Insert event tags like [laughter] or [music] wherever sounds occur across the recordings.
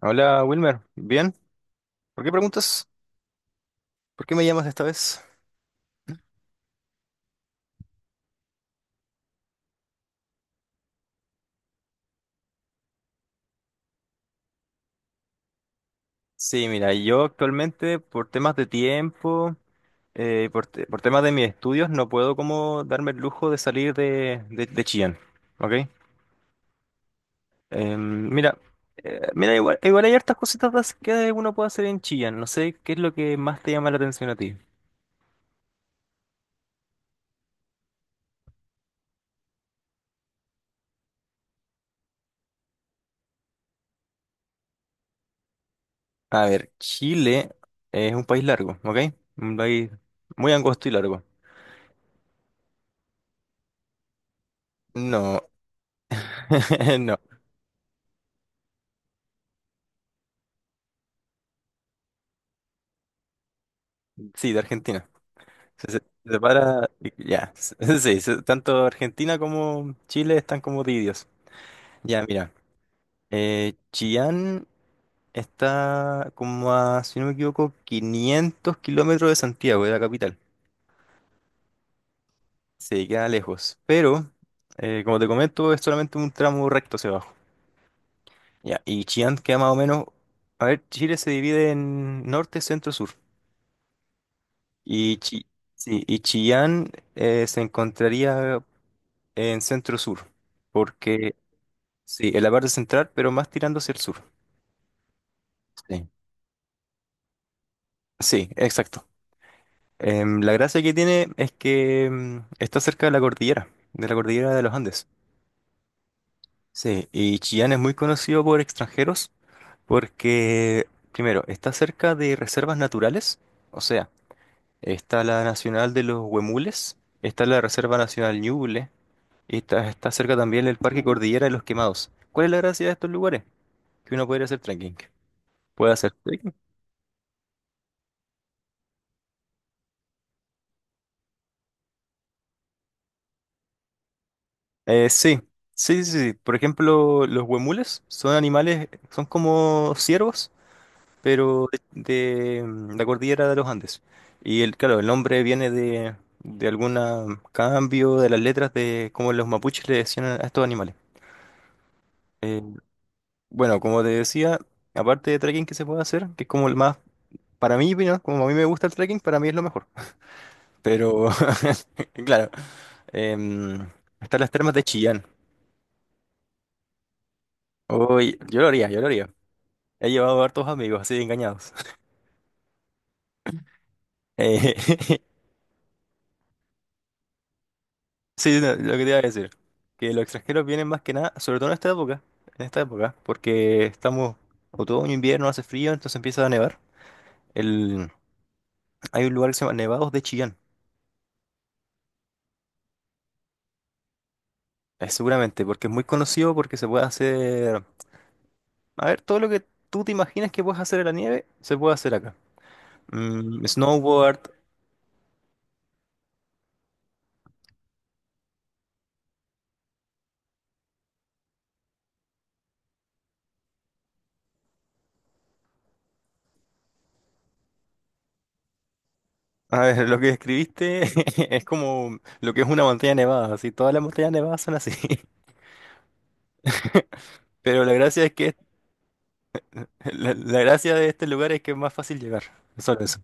Hola Wilmer, ¿bien? ¿Por qué preguntas? ¿Por qué me llamas esta vez? Sí, mira, yo actualmente por temas de tiempo, por temas de mis estudios, no puedo como darme el lujo de salir de Chillán, ¿ok? Em, mira, mira, igual hay hartas cositas más que uno puede hacer en Chillán, no sé qué es lo que más te llama la atención a ti. A ver, Chile es un país largo, ¿ok? Un país muy angosto y largo. No, [laughs] no, sí, de Argentina. Se separa, ya, [laughs] sí, se- tanto Argentina como Chile están como divididos. Ya, mira, Chillán está como a, si no me equivoco, 500 kilómetros de Santiago, de la capital. Se queda lejos, pero, como te comento, es solamente un tramo recto hacia abajo. Ya, y Chillán queda más o menos, a ver, Chile se divide en norte, centro, sur. Y, Chi- sí, y Chillán se encontraría en centro-sur. Porque sí, en la parte central, pero más tirando hacia el sur. Sí. Sí, exacto. La gracia que tiene es que está cerca de la cordillera, de la cordillera de los Andes. Sí, y Chillán es muy conocido por extranjeros porque, primero, está cerca de reservas naturales, o sea, está la Nacional de los Huemules, está la Reserva Nacional Ñuble, está cerca también el Parque Cordillera de los Quemados. ¿Cuál es la gracia de estos lugares? Que uno puede ir a hacer trekking. Puede hacer trekking. Sí, sí. Por ejemplo, los huemules son animales, son como ciervos, pero de la cordillera de los Andes. Y el, claro, el nombre viene de algún cambio de las letras de cómo los mapuches le decían a estos animales. Eh, bueno, como te decía, aparte de trekking que se puede hacer, que es como el más, para mí, ¿no?, como a mí me gusta el trekking, para mí es lo mejor. Pero, [laughs] claro, em, están las termas de Chillán. Uy, yo lo haría. He llevado hartos amigos así engañados. [laughs] Eh, [laughs] sí, no, lo que te iba a decir, que los extranjeros vienen más que nada, sobre todo en esta época, porque estamos otoño, invierno, hace frío, entonces empieza a nevar. El, hay un lugar que se llama Nevados de Chillán, seguramente, porque es muy conocido porque se puede hacer, a ver, todo lo que tú te imaginas que puedes hacer en la nieve, se puede hacer acá. Mm, snowboard, a ver, [laughs] lo que describiste [laughs] es como lo que es una montaña nevada, así, todas las montañas nevadas son así. [laughs] Pero la gracia es que la gracia de este lugar es que es más fácil llegar. Solo eso.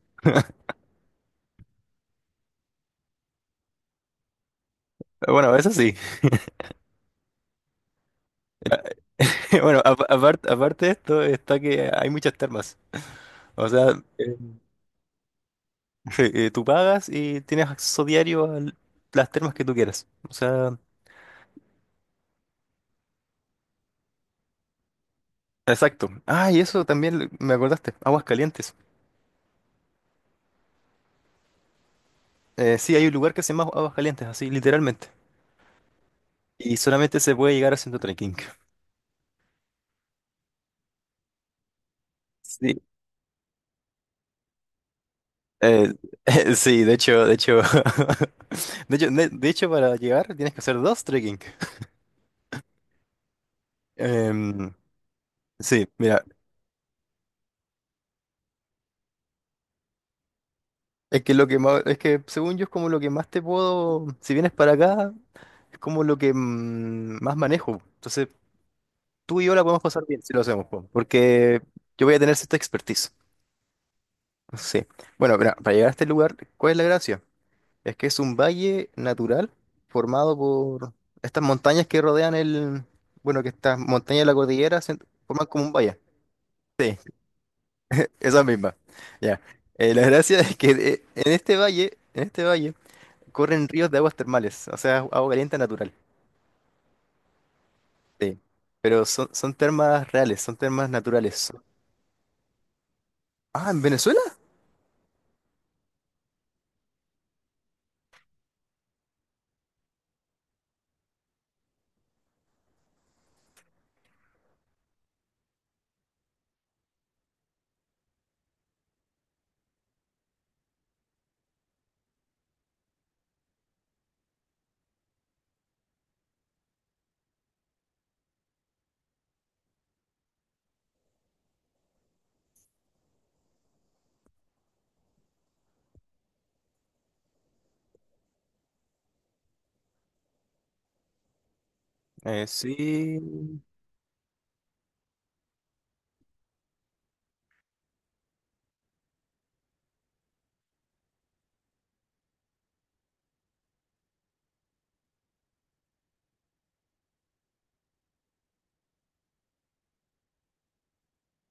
Bueno, eso sí. [laughs] Bueno, aparte de esto, está que hay muchas termas. O sea, eh, sí, tú pagas y tienes acceso diario a las termas que tú quieras. O sea, exacto. Ah, y eso también me acordaste. Aguas calientes. Sí, hay un lugar que se llama Aguas Calientes, así, literalmente. Y solamente se puede llegar haciendo trekking. Sí. Eh, [laughs] sí, [laughs] de hecho, para llegar tienes que hacer dos trekking. Em, sí, mira, es que lo que más, es que según yo es como lo que más te puedo, si vienes para acá, es como lo que más manejo. Entonces, tú y yo la podemos pasar bien si lo hacemos, po, porque yo voy a tener cierta expertise. Sí. Bueno, mira, para llegar a este lugar, ¿cuál es la gracia? Es que es un valle natural formado por estas montañas que rodean bueno, que estas montañas de la cordillera se forman como un valle. Sí, esa misma. Ya. La gracia es que en este valle, corren ríos de aguas termales, o sea, agua caliente natural. Sí. Pero son, son termas reales, son termas naturales. Ah, ¿en Venezuela? Sí,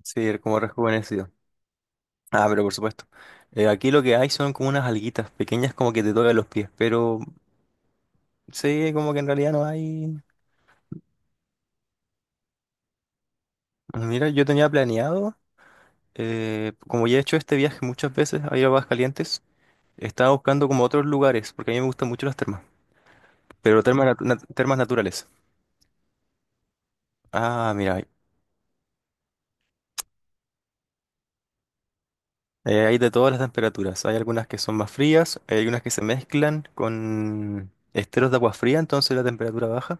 sí, como rejuvenecido. Ah, pero por supuesto. Aquí lo que hay son como unas alguitas pequeñas como que te tocan los pies, pero sí, como que en realidad no hay... Mira, yo tenía planeado, como ya he hecho este viaje muchas veces a ir a Aguascalientes, estaba buscando como otros lugares, porque a mí me gustan mucho las termas, pero termas, termas naturales. Ah, mira, hay de todas las temperaturas. Hay algunas que son más frías, hay algunas que se mezclan con esteros de agua fría, entonces la temperatura baja.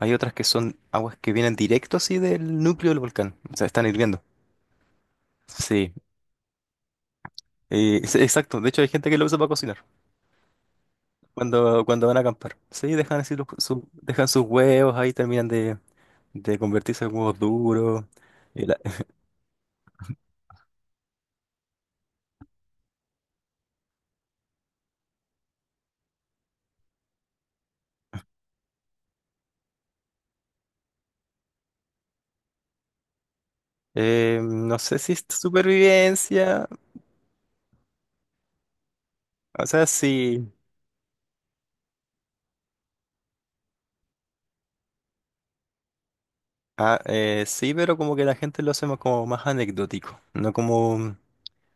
Hay otras que son aguas que vienen directo así del núcleo del volcán, o sea, están hirviendo. Sí, exacto. De hecho, hay gente que lo usa para cocinar. Cuando van a acampar. Sí, dejan así dejan sus huevos ahí, terminan de convertirse en huevos duros. Y la- [laughs] no sé si es supervivencia. O sea, sí. Ah, sí, pero como que la gente lo hace como más anecdótico, no como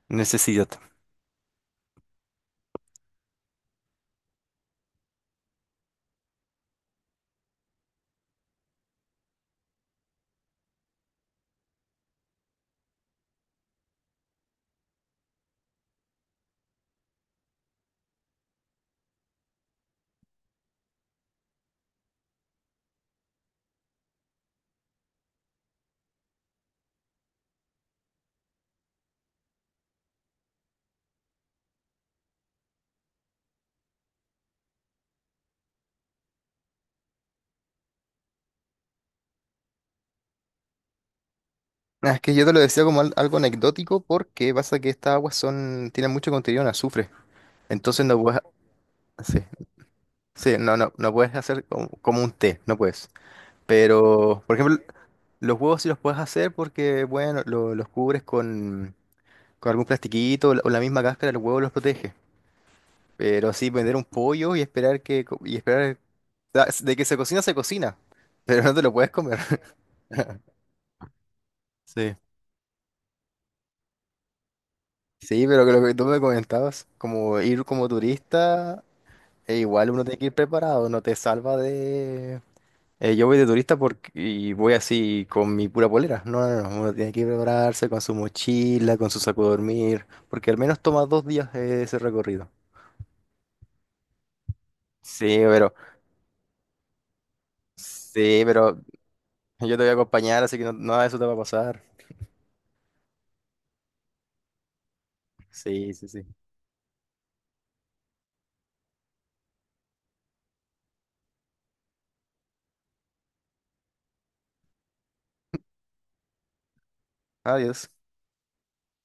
necesidad. Ah, es que yo te lo decía como algo anecdótico porque pasa que estas aguas son, tienen mucho contenido en azufre. Entonces no puedes, sí, sí, no, no, no puedes hacer como, como un té, no puedes. Pero, por ejemplo, los huevos sí los puedes hacer porque, bueno, los cubres con algún plastiquito o la misma cáscara, los huevos los protege. Pero sí, vender un pollo y esperar que, de que se cocina, [laughs] pero no te lo puedes comer. [laughs] Sí. Sí, pero que lo que tú me comentabas, como ir como turista, e igual uno tiene que ir preparado, no te salva de, eh, yo voy de turista porque, y voy así con mi pura polera. No, no, no. Uno tiene que prepararse con su mochila, con su saco de dormir, porque al menos toma 2 días ese recorrido. Sí, pero, sí, pero yo te voy a acompañar, así que no- nada de eso te va a pasar. Sí, sí, sí. Adiós.